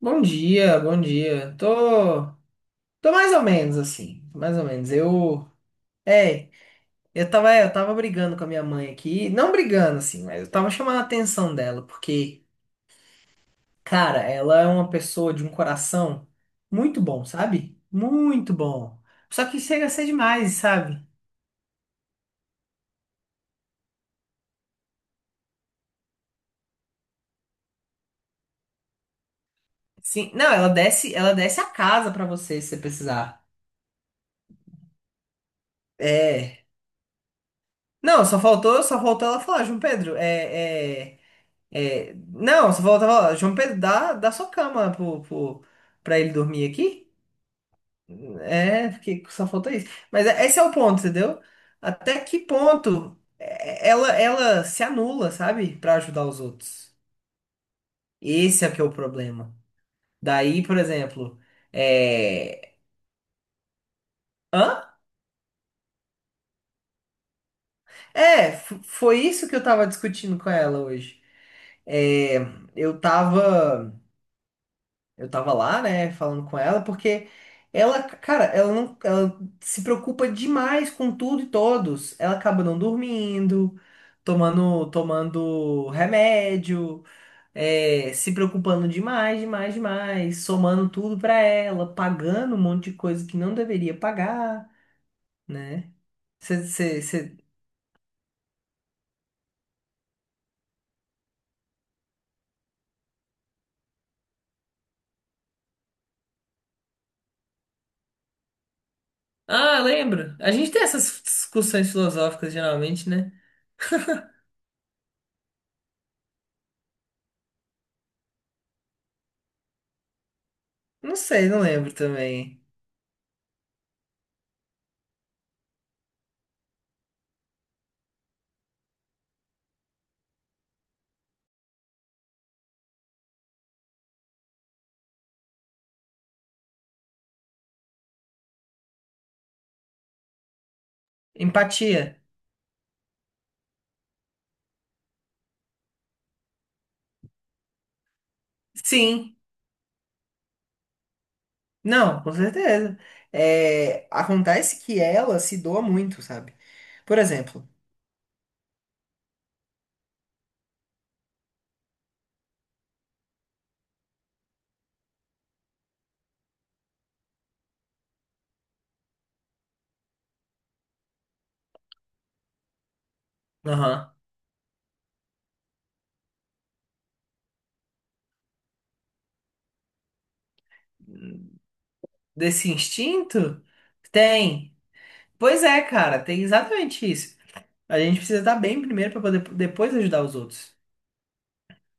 Bom dia, bom dia. Tô mais ou menos assim, mais ou menos. É, eu tava brigando com a minha mãe aqui, não brigando assim, mas eu tava chamando a atenção dela, porque, cara, ela é uma pessoa de um coração muito bom, sabe? Muito bom. Só que chega a ser demais, sabe? Sim, não, ela desce a casa pra você se você precisar. É. Não, só faltou ela falar, João Pedro. É, não, você falou, tava, lá, João Pedro, dá sua cama pra ele dormir aqui. É, porque só falta isso. Mas esse é o ponto, entendeu? Até que ponto é, ela se anula, sabe? Pra ajudar os outros. Esse é que é o problema. Daí, por exemplo, é... Hã? É, foi isso que eu tava discutindo com ela hoje. É, eu tava. Eu tava lá, né, falando com ela, porque ela, cara, ela se preocupa demais com tudo e todos. Ela acaba não dormindo, tomando remédio, se preocupando demais, demais, demais, somando tudo pra ela, pagando um monte de coisa que não deveria pagar, né? Você, Ah, lembro. A gente tem essas discussões filosóficas geralmente, né? Não sei, não lembro também. Empatia? Sim. Não, com certeza. É, acontece que ela se doa muito, sabe? Por exemplo, aham, desse instinto, tem. Pois é, cara, tem exatamente isso. A gente precisa estar bem primeiro para poder depois ajudar os outros.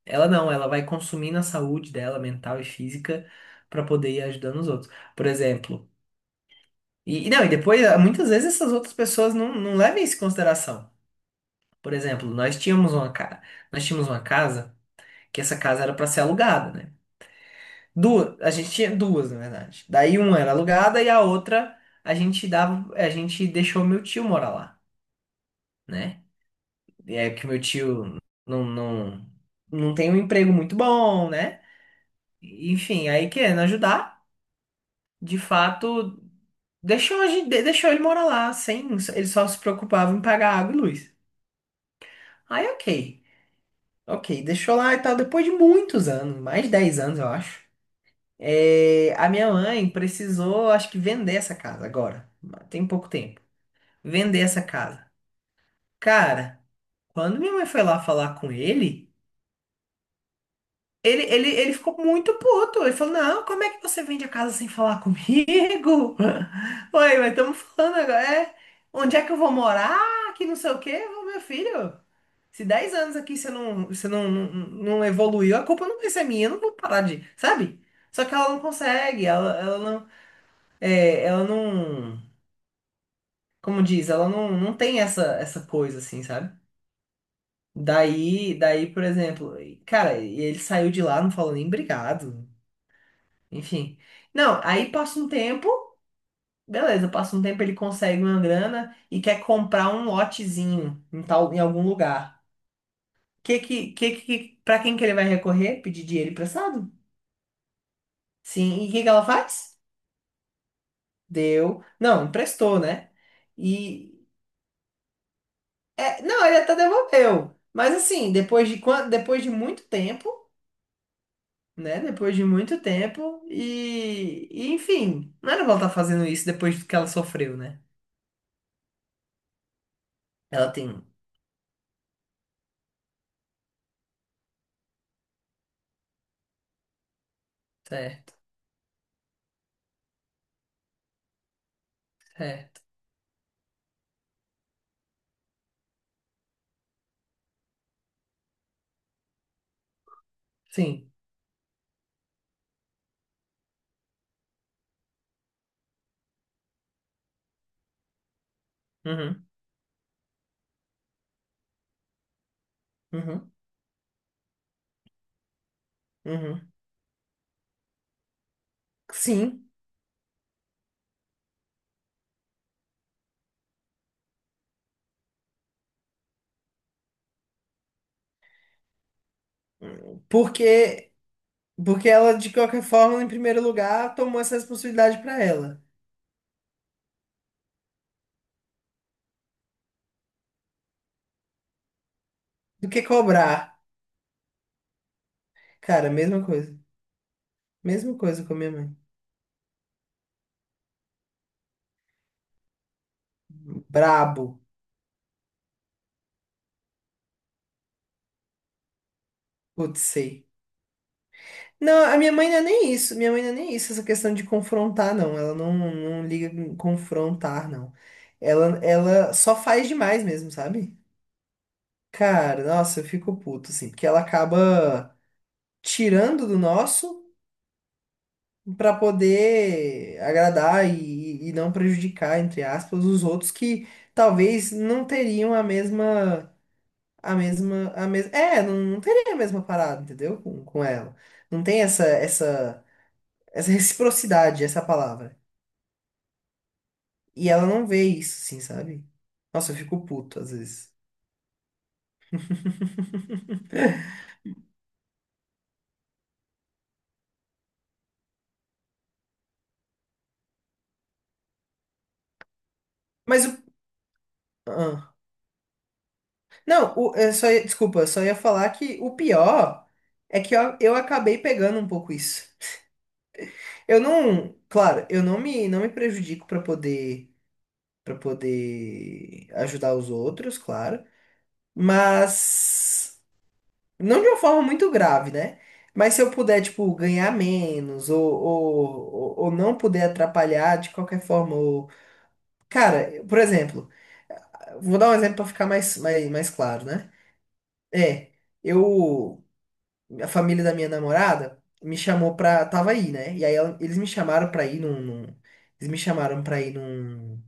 Ela não, ela vai consumindo a saúde dela, mental e física, para poder ir ajudando os outros. Por exemplo. E não, e depois, ah, muitas vezes essas outras pessoas não levam isso em consideração. Por exemplo, nós tínhamos uma casa que essa casa era para ser alugada, né? Duas, a gente tinha duas, na verdade. Daí uma era alugada e a outra a gente deixou meu tio morar lá, né? E é que meu tio não, não, não tem um emprego muito bom, né? Enfim, aí querendo ajudar, de fato, deixou, a gente, de- deixou ele morar lá, sem, ele só se preocupava em pagar água e luz. Aí ok, deixou lá e tal, depois de muitos anos, mais de 10 anos, eu acho. É, a minha mãe precisou, acho que, vender essa casa agora. Tem pouco tempo. Vender essa casa. Cara, quando minha mãe foi lá falar com ele, ele ficou muito puto. Ele falou: não, como é que você vende a casa sem falar comigo? Ué, mas estamos falando agora. É, onde é que eu vou morar? Que não sei o quê. Eu falei, meu filho, se 10 anos aqui você não evoluiu, a culpa não vai ser minha. Eu não vou parar de. Sabe? Só que ela não consegue, ela não é, ela não, como diz, ela não tem essa coisa assim, sabe? Daí, por exemplo, cara, e ele saiu de lá, não falou nem obrigado, enfim. Não, aí passa um tempo, beleza, passa um tempo ele consegue uma grana e quer comprar um lotezinho em tal, em algum lugar. Que que, para quem que ele vai recorrer? Pedir dinheiro emprestado? Sim, e o que que ela faz? Deu. Não, emprestou, né? e não, ele até devolveu. Mas assim, depois de depois de muito tempo, né? Depois de muito tempo e, enfim, não era pra ela estar fazendo isso depois do que ela sofreu, né? Ela tem, um, certo, certo. Sim. Uhum, uhum, uhum. Sim. Porque porque ela de qualquer forma, em primeiro lugar, tomou essa responsabilidade pra ela. Do que cobrar? Cara, mesma coisa. Mesma coisa com a minha mãe. Brabo, putz, sei. Não, a minha mãe não é nem isso. Minha mãe não é nem isso, essa questão de confrontar, não. Ela não liga em confrontar, não. Ela só faz demais mesmo, sabe? Cara, nossa, eu fico puto, assim, porque ela acaba tirando do nosso pra poder agradar e não prejudicar, entre aspas, os outros que talvez não teriam a mesma, não teria a mesma parada, entendeu? Com ela. Não tem essa reciprocidade, essa palavra. E ela não vê isso, assim, sabe? Nossa, eu fico puto às vezes. Mas o. ah. Não, o, é, só, ia- desculpa, só ia falar que o pior é que eu acabei pegando um pouco isso. Eu não. Claro, eu não me prejudico pra poder, para poder ajudar os outros, claro. Mas. Não de uma forma muito grave, né? Mas se eu puder, tipo, ganhar menos ou, ou não puder atrapalhar de qualquer forma. Ou. Cara, por exemplo. Vou dar um exemplo para ficar mais claro, né? É, eu, a família da minha namorada me chamou pra, tava aí, né? E aí eles me chamaram pra ir num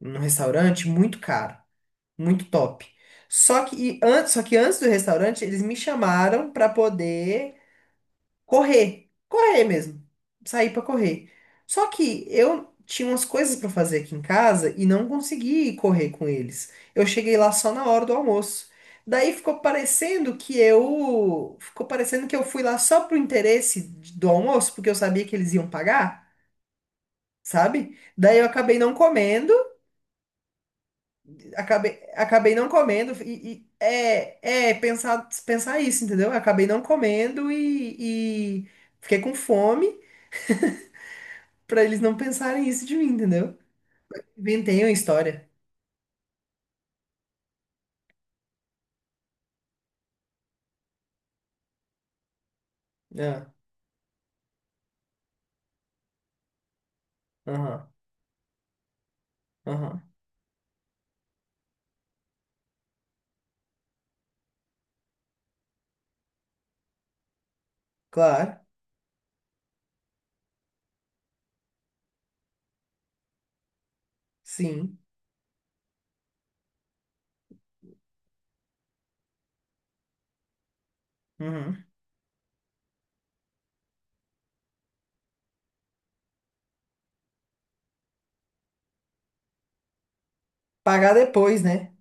num restaurante muito caro, muito top. Só que antes do restaurante, eles me chamaram pra poder correr, correr mesmo, sair pra correr. Só que eu tinha umas coisas pra fazer aqui em casa e não consegui ir correr com eles. Eu cheguei lá só na hora do almoço. Daí ficou parecendo que eu fui lá só pro interesse do almoço, porque eu sabia que eles iam pagar, sabe? Daí eu acabei não comendo, acabei não comendo e pensar, isso, entendeu? Eu acabei não comendo e fiquei com fome. Pra eles não pensarem isso de mim, entendeu? Inventei uma história. Ah, aham, aham. Claro, sim. Uhum. Pagar depois, né?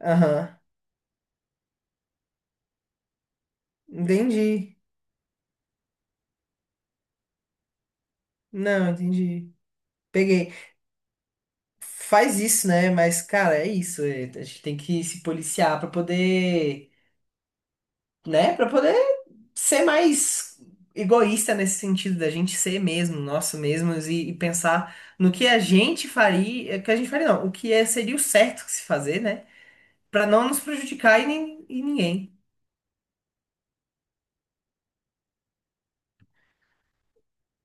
Aham. Entendi. Não, entendi. Peguei. Faz isso, né? Mas, cara, é isso. A gente tem que se policiar pra poder, né? Pra poder ser mais egoísta nesse sentido da gente ser mesmo, nosso mesmos e pensar no que a gente faria, que a gente faria não, o que seria o certo que se fazer, né? Para não nos prejudicar e, nem, e ninguém.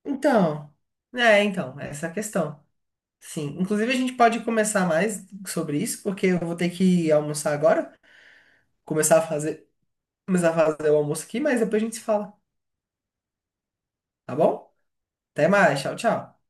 Então, então, essa é a questão. Sim, inclusive a gente pode começar mais sobre isso, porque eu vou ter que almoçar agora, começar a fazer, começar a fazer o almoço aqui, mas depois a gente se fala, tá bom? Até mais, tchau, tchau.